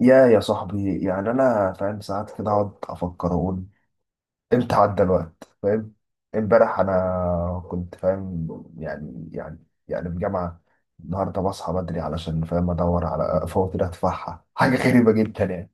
يا صاحبي، يعني انا فاهم. ساعات كده اقعد افكر اقول امتى عدى الوقت؟ فاهم. امبارح انا كنت فاهم، يعني في جامعه. النهارده بصحى بدري علشان فاهم ادور على فواتير ادفعها. حاجه غريبه جدا يعني.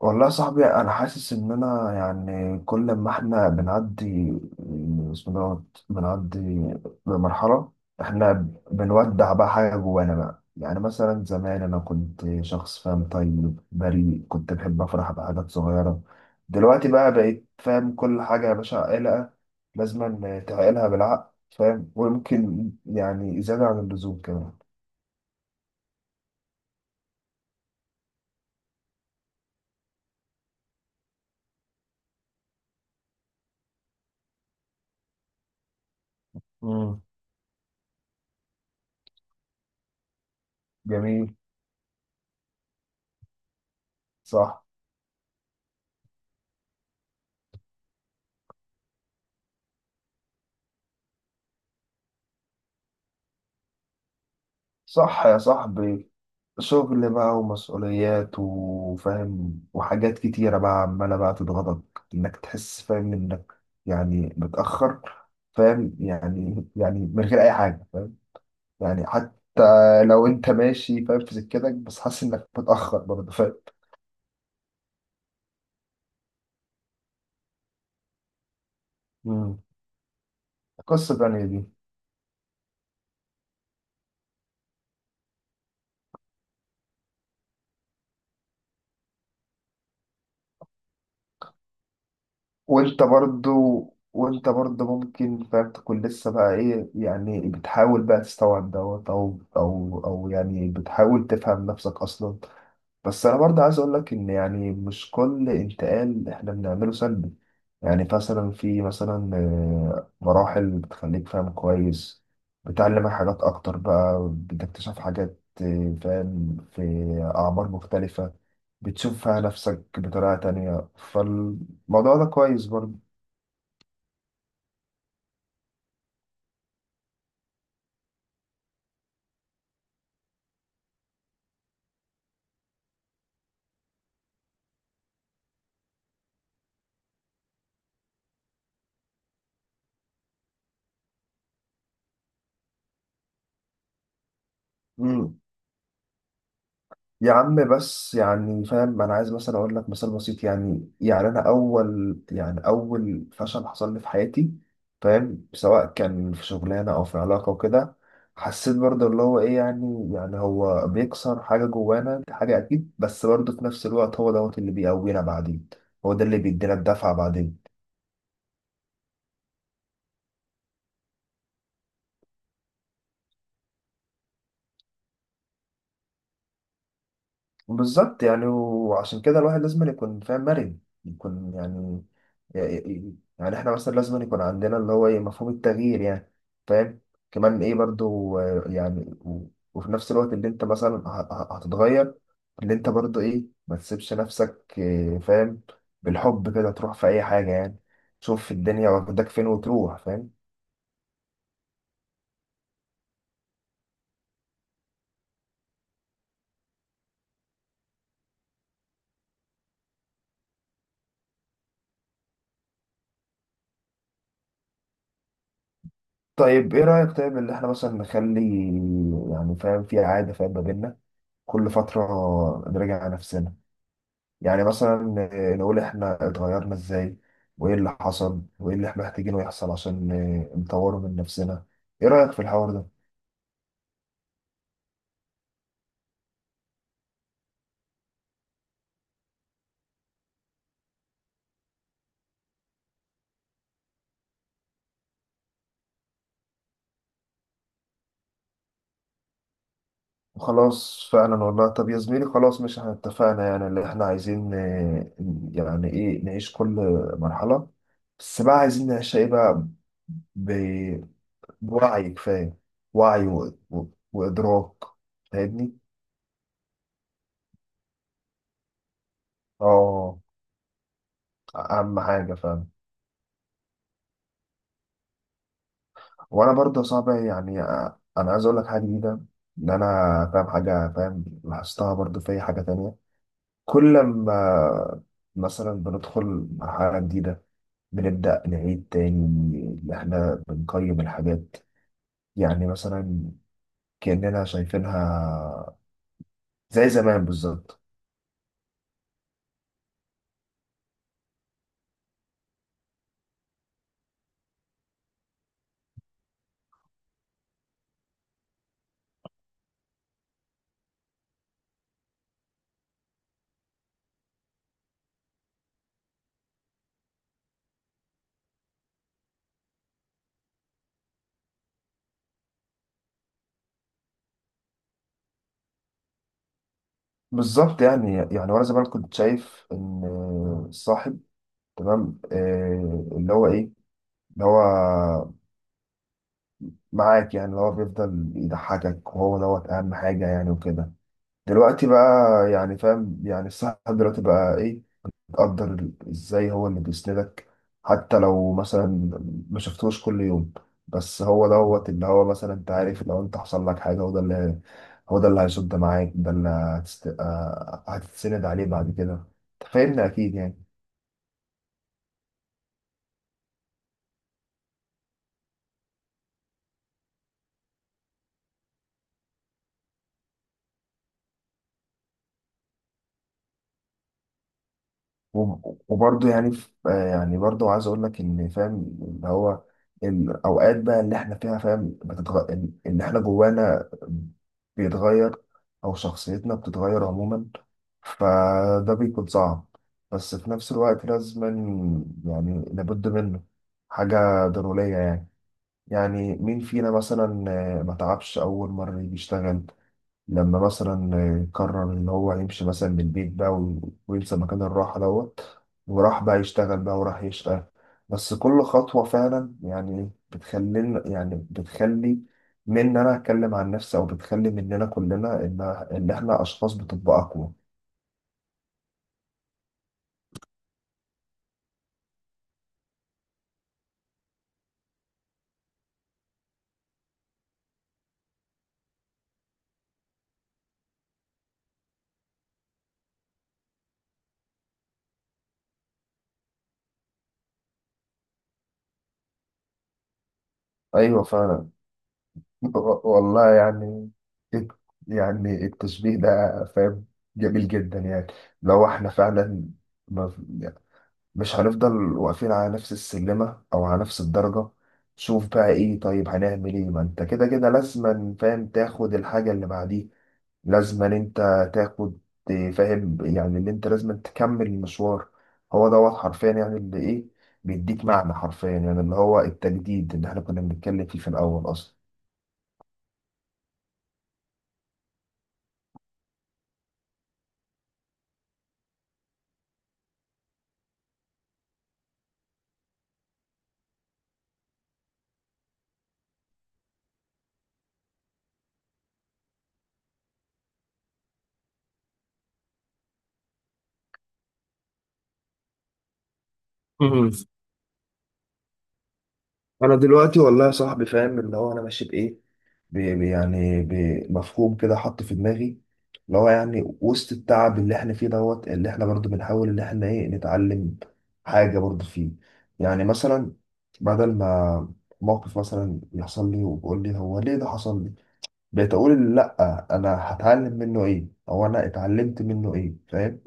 والله يا صاحبي، انا حاسس ان انا يعني كل ما احنا بنعدي. بسم الله الرحمن الرحيم. بنعدي بمرحله، احنا بنودع بقى حاجه جوانا بقى. يعني مثلا زمان انا كنت شخص فاهم، طيب، بريء، كنت بحب افرح بحاجات صغيره. دلوقتي بقى بقيت فاهم كل حاجه يا باشا. عائلة لازم تعقلها بالعقل فاهم. ويمكن يعني زياده عن اللزوم كمان. مم. جميل. صح. صح يا صاحبي. شغل بقى ومسؤوليات وفاهم وحاجات كتيرة بقى عمالة بقى تضغطك. إنك تحس فاهم إنك يعني متأخر فاهم، يعني من غير أي حاجة فاهم. يعني حتى لو أنت ماشي فاهم في سكتك بس حاسس إنك متأخر برضه فاهم. مم. قصة تانية دي. وأنت برضه وأنت برضه ممكن فاهم تكون لسه بقى إيه، يعني بتحاول بقى تستوعب دوت، أو يعني بتحاول تفهم نفسك أصلا. بس انا برضه عايز اقول لك ان يعني مش كل انتقال احنا بنعمله سلبي. يعني مثلا في مثلا مراحل بتخليك فاهم كويس. بتعلمك حاجات اكتر بقى، بتكتشف حاجات فاهم في اعمار مختلفة. بتشوف فيها نفسك بطريقة تانية. فالموضوع ده كويس. برضه. يا عم بس يعني فاهم انا عايز مثلا اقول لك مثال بسيط. يعني انا اول فشل حصل لي في حياتي، فاهم، سواء كان في شغلانه او في علاقه وكده. حسيت برضه اللي هو ايه. يعني هو بيكسر حاجه جوانا. دي حاجه اكيد، بس برضه في نفس الوقت هو دوت اللي بيقوينا بعدين. هو ده اللي بيدينا الدفعه بعدين. بالظبط يعني. وعشان كده الواحد لازم يكون فاهم مرن، يكون يعني احنا مثلا لازم يكون عندنا اللي هو ايه مفهوم التغيير يعني. فاهم. كمان ايه برضو يعني وفي نفس الوقت اللي انت مثلا هتتغير، اللي انت برضو ايه ما تسيبش نفسك فاهم بالحب كده تروح في اي حاجة يعني. تشوف الدنيا واخدك فين وتروح فاهم. طيب ايه رأيك؟ طيب اللي احنا مثلا نخلي، يعني فاهم، في عادة فاهم ما بيننا كل فترة نراجع نفسنا. يعني مثلا نقول احنا اتغيرنا ازاي، وايه اللي حصل، وايه اللي احنا محتاجينه يحصل عشان نطوره من نفسنا. ايه رأيك في الحوار ده؟ خلاص فعلا والله. طب يا زميلي، خلاص مش احنا اتفقنا يعني اللي احنا عايزين يعني ايه نعيش كل مرحلة. بس بقى عايزين نعيشها ايه بقى؟ ب- بوعي كفاية. وعي وإدراك. فاهمني؟ اه. أهم حاجة فعلا. وانا برضه صعب يعني، انا عايز اقول لك حاجه جديده. ان انا فاهم حاجه فاهم لاحظتها برضه في أي حاجه تانية. كل ما مثلا بندخل مرحله جديده، بنبدا نعيد تاني ان احنا بنقيم الحاجات. يعني مثلا كاننا شايفينها زي زمان بالظبط. بالظبط يعني وانا زمان كنت شايف ان الصاحب تمام اللي هو ايه، اللي هو معاك، يعني اللي هو بيفضل يضحكك وهو دوت أهم حاجة يعني وكده. دلوقتي بقى يعني فاهم يعني الصاحب دلوقتي بقى إيه؟ تقدر إزاي هو اللي بيسندك، حتى لو مثلا ما شفتوش كل يوم. بس هو دوت اللي هو مثلا أنت عارف لو أنت حصل لك حاجة، هو ده اللي هيصد معاك. ده اللي هتست... آه، هتتسند عليه بعد كده. أنت فاهمني أكيد يعني. وبرضه يعني يعني برضه عايز اقول لك ان فاهم اللي هو الاوقات بقى اللي احنا فيها فاهم اللي احنا جوانا بيتغير، او شخصيتنا بتتغير عموما. فده بيكون صعب بس في نفس الوقت لازم. يعني لابد منه، حاجة ضرورية يعني. يعني مين فينا مثلا ما تعبش أول مرة يجي يشتغل، لما مثلا قرر ان هو يمشي مثلا من البيت بقى وينسى مكان الراحه دوت، وراح بقى يشتغل بقى وراح يشتغل. بس كل خطوه فعلا يعني بتخلينا، يعني بتخلي من إن انا اتكلم عن نفسي او بتخلي مننا كلنا ان احنا اشخاص بتبقى اقوى. ايوه فعلا. والله يعني الت- يعني التشبيه ده فاهم جميل جدا يعني. لو احنا فعلا مش هنفضل واقفين على نفس السلمة أو على نفس الدرجة. شوف بقى إيه. طيب هنعمل إيه؟ ما أنت كده كده لازما فاهم تاخد الحاجة اللي بعديه. لازما أنت تاخد، فاهم يعني، اللي أنت لازما تكمل المشوار. هو دوت حرفيا يعني اللي إيه بيديك معنى، حرفيا يعني اللي هو التجديد اللي إحنا كنا بنتكلم فيه في الأول. أصلا. انا دلوقتي والله يا صاحبي فاهم اللي هو انا ماشي بايه. يعني بمفهوم كده حط في دماغي، اللي هو يعني وسط التعب اللي احنا فيه دوت، اللي احنا برضو بنحاول ان احنا ايه نتعلم حاجة برضو فيه. يعني مثلا، بدل ما موقف مثلا يحصل لي وبقول لي هو ليه ده حصل لي، بقيت اقول لا، انا هتعلم منه ايه او انا اتعلمت منه ايه فاهم.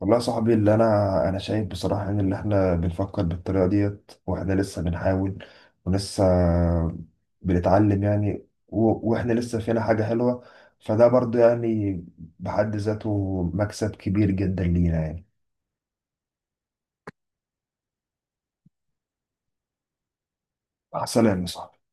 والله يا صاحبي. اللي انا شايف بصراحه ان اللي احنا بنفكر بالطريقه ديت واحنا لسه بنحاول ولسه بنتعلم يعني. واحنا لسه فينا حاجه حلوه. فده برضو يعني بحد ذاته مكسب كبير جدا لينا يعني. مع السلامه يا صاحبي.